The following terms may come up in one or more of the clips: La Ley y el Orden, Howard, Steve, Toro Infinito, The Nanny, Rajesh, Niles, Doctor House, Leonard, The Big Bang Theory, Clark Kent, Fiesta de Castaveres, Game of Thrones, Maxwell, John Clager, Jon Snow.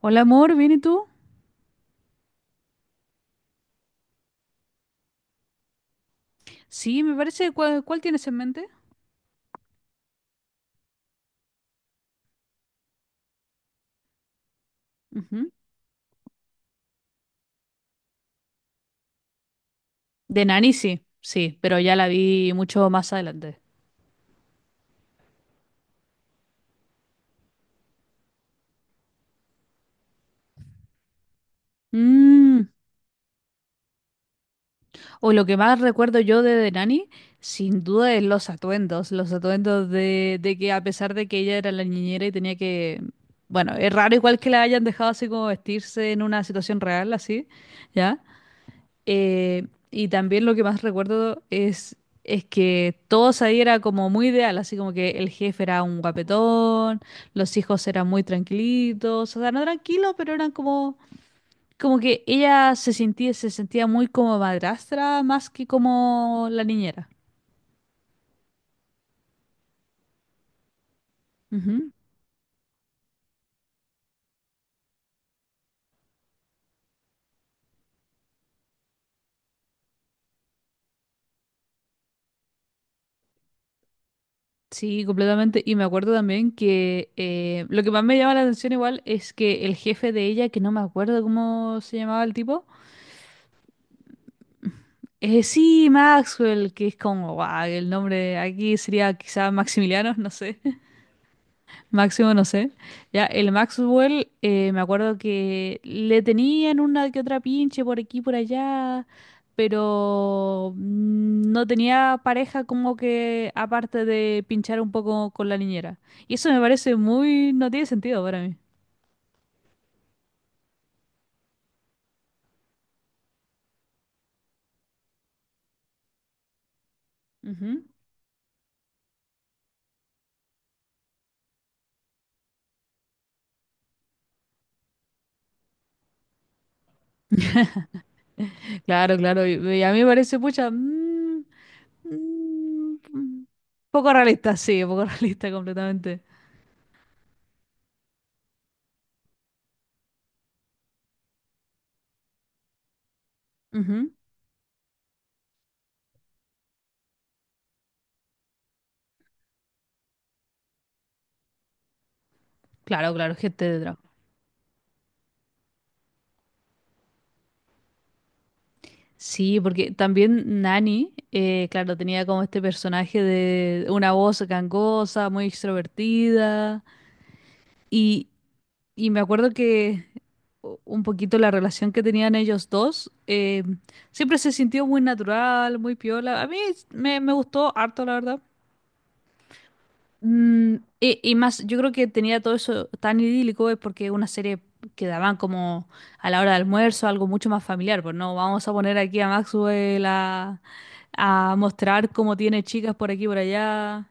Hola amor, ¿bien y tú? Sí, me parece. ¿Cuál tienes en mente? Ujú. De Nani, sí, sí, pero ya la vi mucho más adelante. Mm, O lo que más recuerdo yo de The Nanny sin duda es los atuendos de que a pesar de que ella era la niñera y tenía que, bueno, es raro igual que la hayan dejado así como vestirse en una situación real, así, ¿ya? Y también lo que más recuerdo es que todos ahí era como muy ideal, así como que el jefe era un guapetón, los hijos eran muy tranquilitos, o sea, no tranquilos, pero eran como, como que ella se sentía muy como madrastra más que como la niñera. Ujú. Sí, completamente. Y me acuerdo también que lo que más me llama la atención igual es que el jefe de ella, que no me acuerdo cómo se llamaba el tipo. Sí, Maxwell, que es como, guau, el nombre aquí sería quizá Maximiliano, no sé, Máximo, no sé. Ya, el Maxwell, me acuerdo que le tenían una que otra pinche por aquí, por allá, pero no tenía pareja como que aparte de pinchar un poco con la niñera. Y eso me parece muy, no tiene sentido para mí. Ujú. Claro, claro, y a mí me parece, pucha, mm. Mm, mm. Poco realista, sí, poco realista completamente. Ujú. Claro, claro, gente de trabajo. Sí, porque también Nani, claro, tenía como este personaje de una voz gangosa, muy extrovertida. Y, y me acuerdo que un poquito la relación que tenían ellos dos, siempre se sintió muy natural, muy piola. A mí me gustó harto, la verdad. Y más, yo creo que tenía todo eso tan idílico es porque es una serie que daban como a la hora de almuerzo, algo mucho más familiar, pues no vamos a poner aquí a Maxwell a mostrar cómo tiene chicas por aquí y por allá.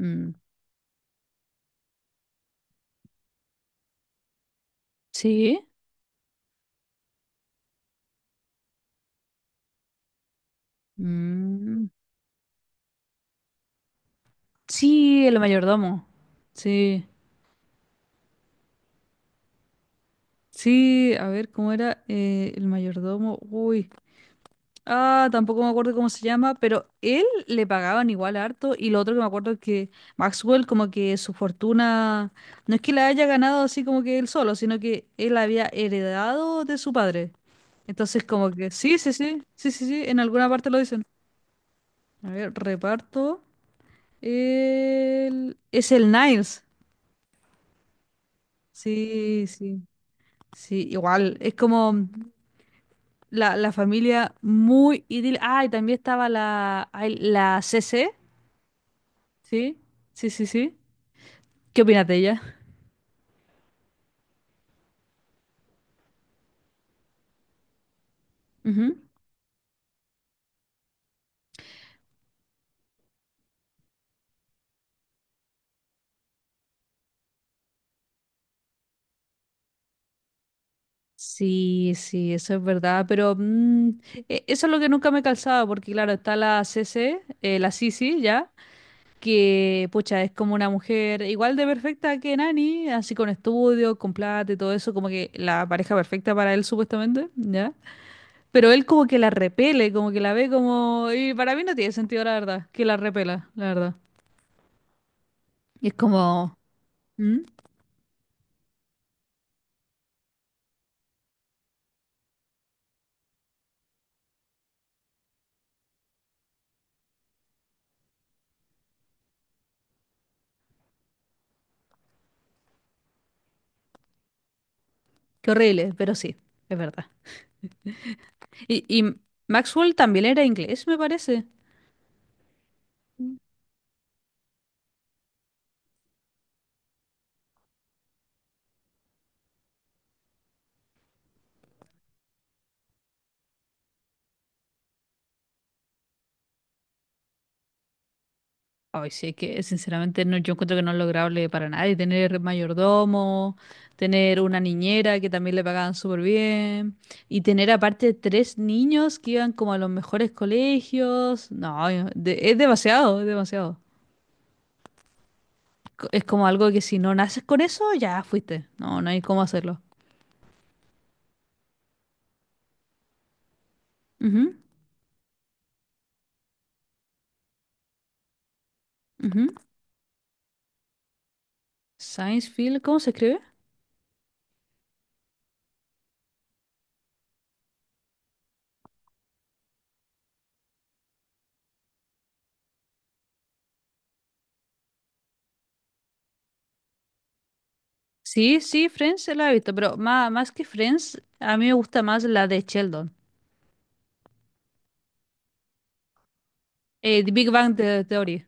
Mm, sí. Mm, sí, el mayordomo. Sí, sí, a ver cómo era, el mayordomo. Uy. Ah, tampoco me acuerdo cómo se llama, pero él le pagaban igual harto y lo otro que me acuerdo es que Maxwell como que su fortuna no es que la haya ganado así como que él solo, sino que él había heredado de su padre. Entonces como que sí, sí, sí, sí, sí, sí, en alguna parte lo dicen. A ver, reparto. Es el Niles. Sí, sí, sí, igual. Es como la familia muy idílica. Ah, y también estaba la, ay, la CC. Sí, sí, sí, sí. ¿Qué opinas de ella? Ujú. Sí, sí, eso es verdad, pero mm, eso es lo que nunca me calzaba, porque claro, está la C C, la Sisi ya, que pucha, es como una mujer igual de perfecta que Nani, así con estudio, con plata y todo eso, como que la pareja perfecta para él supuestamente, ¿ya? Pero él como que la repele, como que la ve como... Y para mí no tiene sentido, la verdad, que la repela, la verdad. Y es como... ¿Mm? Qué horrible, pero sí, es verdad. Y Maxwell también era inglés, me parece. Mm. Ay, sí, que sinceramente no, yo encuentro que no es lograble para nadie tener mayordomo, tener una niñera que también le pagaban súper bien y tener aparte 3 niños que iban como a los mejores colegios. No, es demasiado, es demasiado. Es como algo que si no naces con eso, ya fuiste. No, no hay cómo hacerlo. Ujú, ujú. Science Field, ¿cómo se escribe? Sí, sí, Friends la he visto, pero más, más que Friends, a mí me gusta más la de Sheldon. The Big Bang Theory.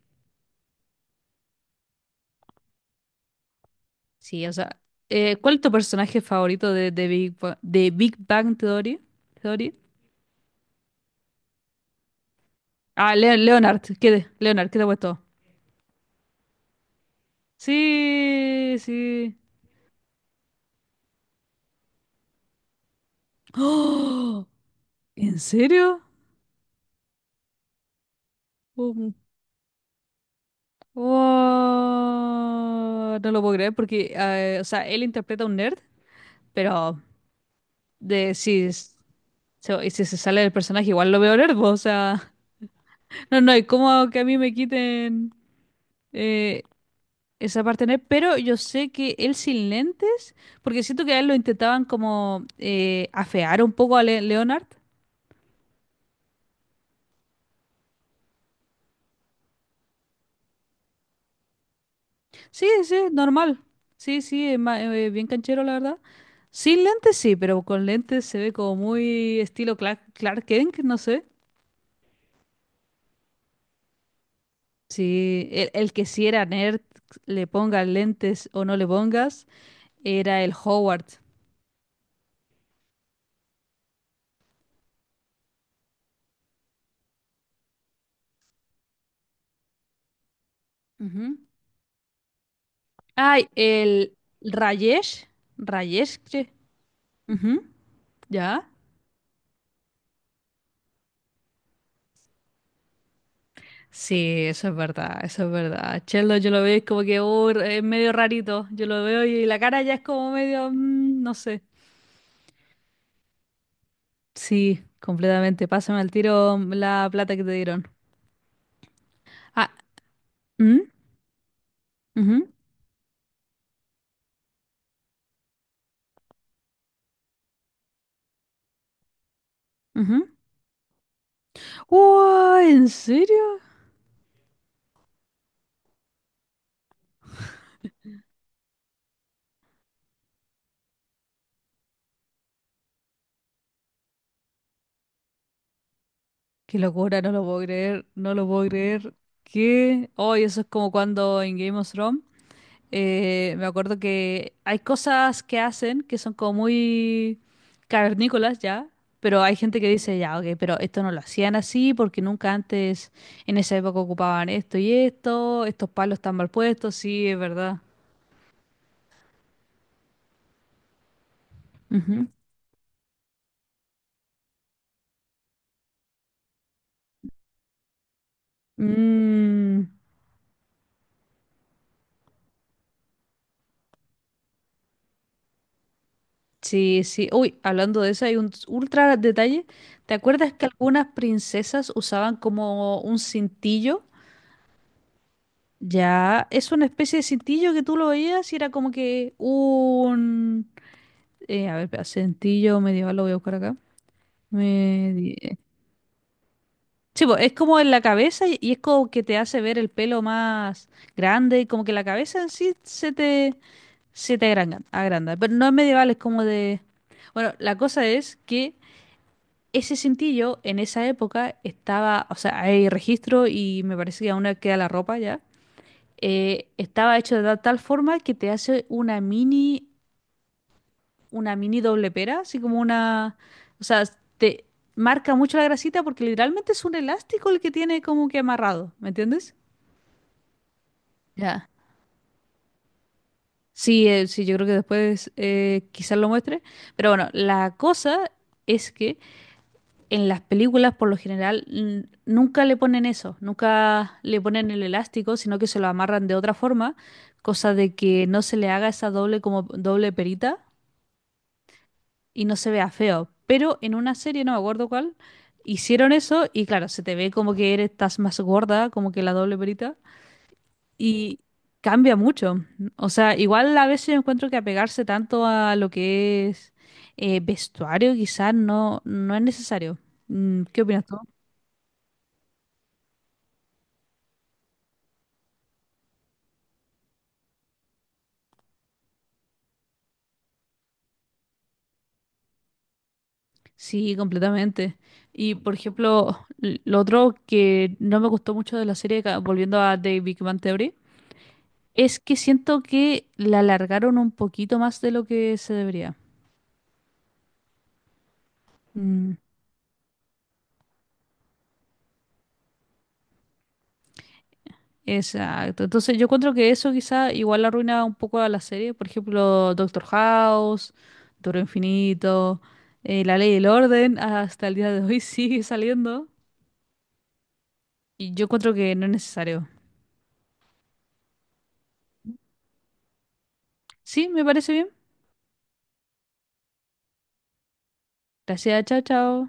Sí, o sea, ¿cuál es tu personaje favorito de Big Bang Theory? Theory? Ah, Leonard, ¿qué de? Leonard, ¿qué te ha puesto? Sí, sí. ¡Oh! ¿En serio? Um, wow, no lo puedo creer porque, o sea, él interpreta a un nerd, pero de si, es- se- y si se sale del personaje, igual lo veo nerd, po, o sea, no, no, y cómo que a mí me quiten eh, esa parte nerd, pero yo sé que él sin lentes, porque siento que a él lo intentaban como, afear un poco a Leonard. Sí, sí, normal. Sí, sí, es bien canchero, la verdad. Sin lentes sí, pero con lentes se ve como muy estilo Clark, Clark Kent, no sé. Sí, el que si era nerd, le pongas lentes o no le pongas, era el Howard. Ujú. Ay, el Rayesh. Rayesh, che. Ujú, ¿ya? Sí, eso es verdad, eso es verdad. Chelo, yo lo veo y es como que oh, es medio rarito. Yo lo veo y la cara ya es como medio, mm, no sé. Sí, completamente. Pásame al tiro la plata que te dieron. Ah, ¿mm? Ujú, ujú. Uah, ¿en serio? Qué locura, no lo puedo creer, no lo puedo creer. ¿Qué? Hoy eso es como cuando en Game of Thrones, me acuerdo que hay cosas que hacen que son como muy cavernícolas ya, pero hay gente que dice, ya, ok, pero esto no lo hacían así porque nunca antes en esa época ocupaban esto y esto, estos palos están mal puestos, sí, es verdad. Ujú. Mm. Sí, sí. Uy, hablando de eso, hay un ultra detalle. ¿Te acuerdas que algunas princesas usaban como un cintillo? Ya, es una especie de cintillo que tú lo veías y era como que un... a ver, espera, cintillo medieval, lo voy a buscar acá. Medi- Sí, po, es como en la cabeza y es como que te hace ver el pelo más grande y como que la cabeza en sí se te agranda. Pero no es medieval, es como de... Bueno, la cosa es que ese cintillo en esa época estaba, o sea, hay registro y me parece que aún queda la ropa ya. Estaba hecho de tal forma que te hace una mini doble pera, así como una, o sea, te marca mucho la grasita porque literalmente es un elástico el que tiene como que amarrado, ¿me entiendes? Ya. Sí, sí, yo creo que después, quizás lo muestre. Pero bueno, la cosa es que en las películas, por lo general, nunca le ponen eso, nunca le ponen el elástico, sino que se lo amarran de otra forma, cosa de que no se le haga esa doble como doble perita y no se vea feo. Pero en una serie, no me acuerdo cuál, hicieron eso y claro, se te ve como que eres, estás más gorda, como que la doble perita, y cambia mucho. O sea, igual a veces yo encuentro que apegarse tanto a lo que es, vestuario quizás no, no es necesario. Mm, ¿qué opinas tú? Sí, completamente. Y por ejemplo, lo otro que no me gustó mucho de la serie, volviendo a The Big Bang Theory, es que siento que la alargaron un poquito más de lo que se debería. Mm. Exacto. Entonces yo encuentro que eso quizá igual arruina un poco a la serie. Por ejemplo, Doctor House, Toro Infinito, La Ley y el Orden, hasta el día de hoy sigue saliendo. Y yo encuentro que no es necesario. Sí, me parece bien. Gracias, chao, chao.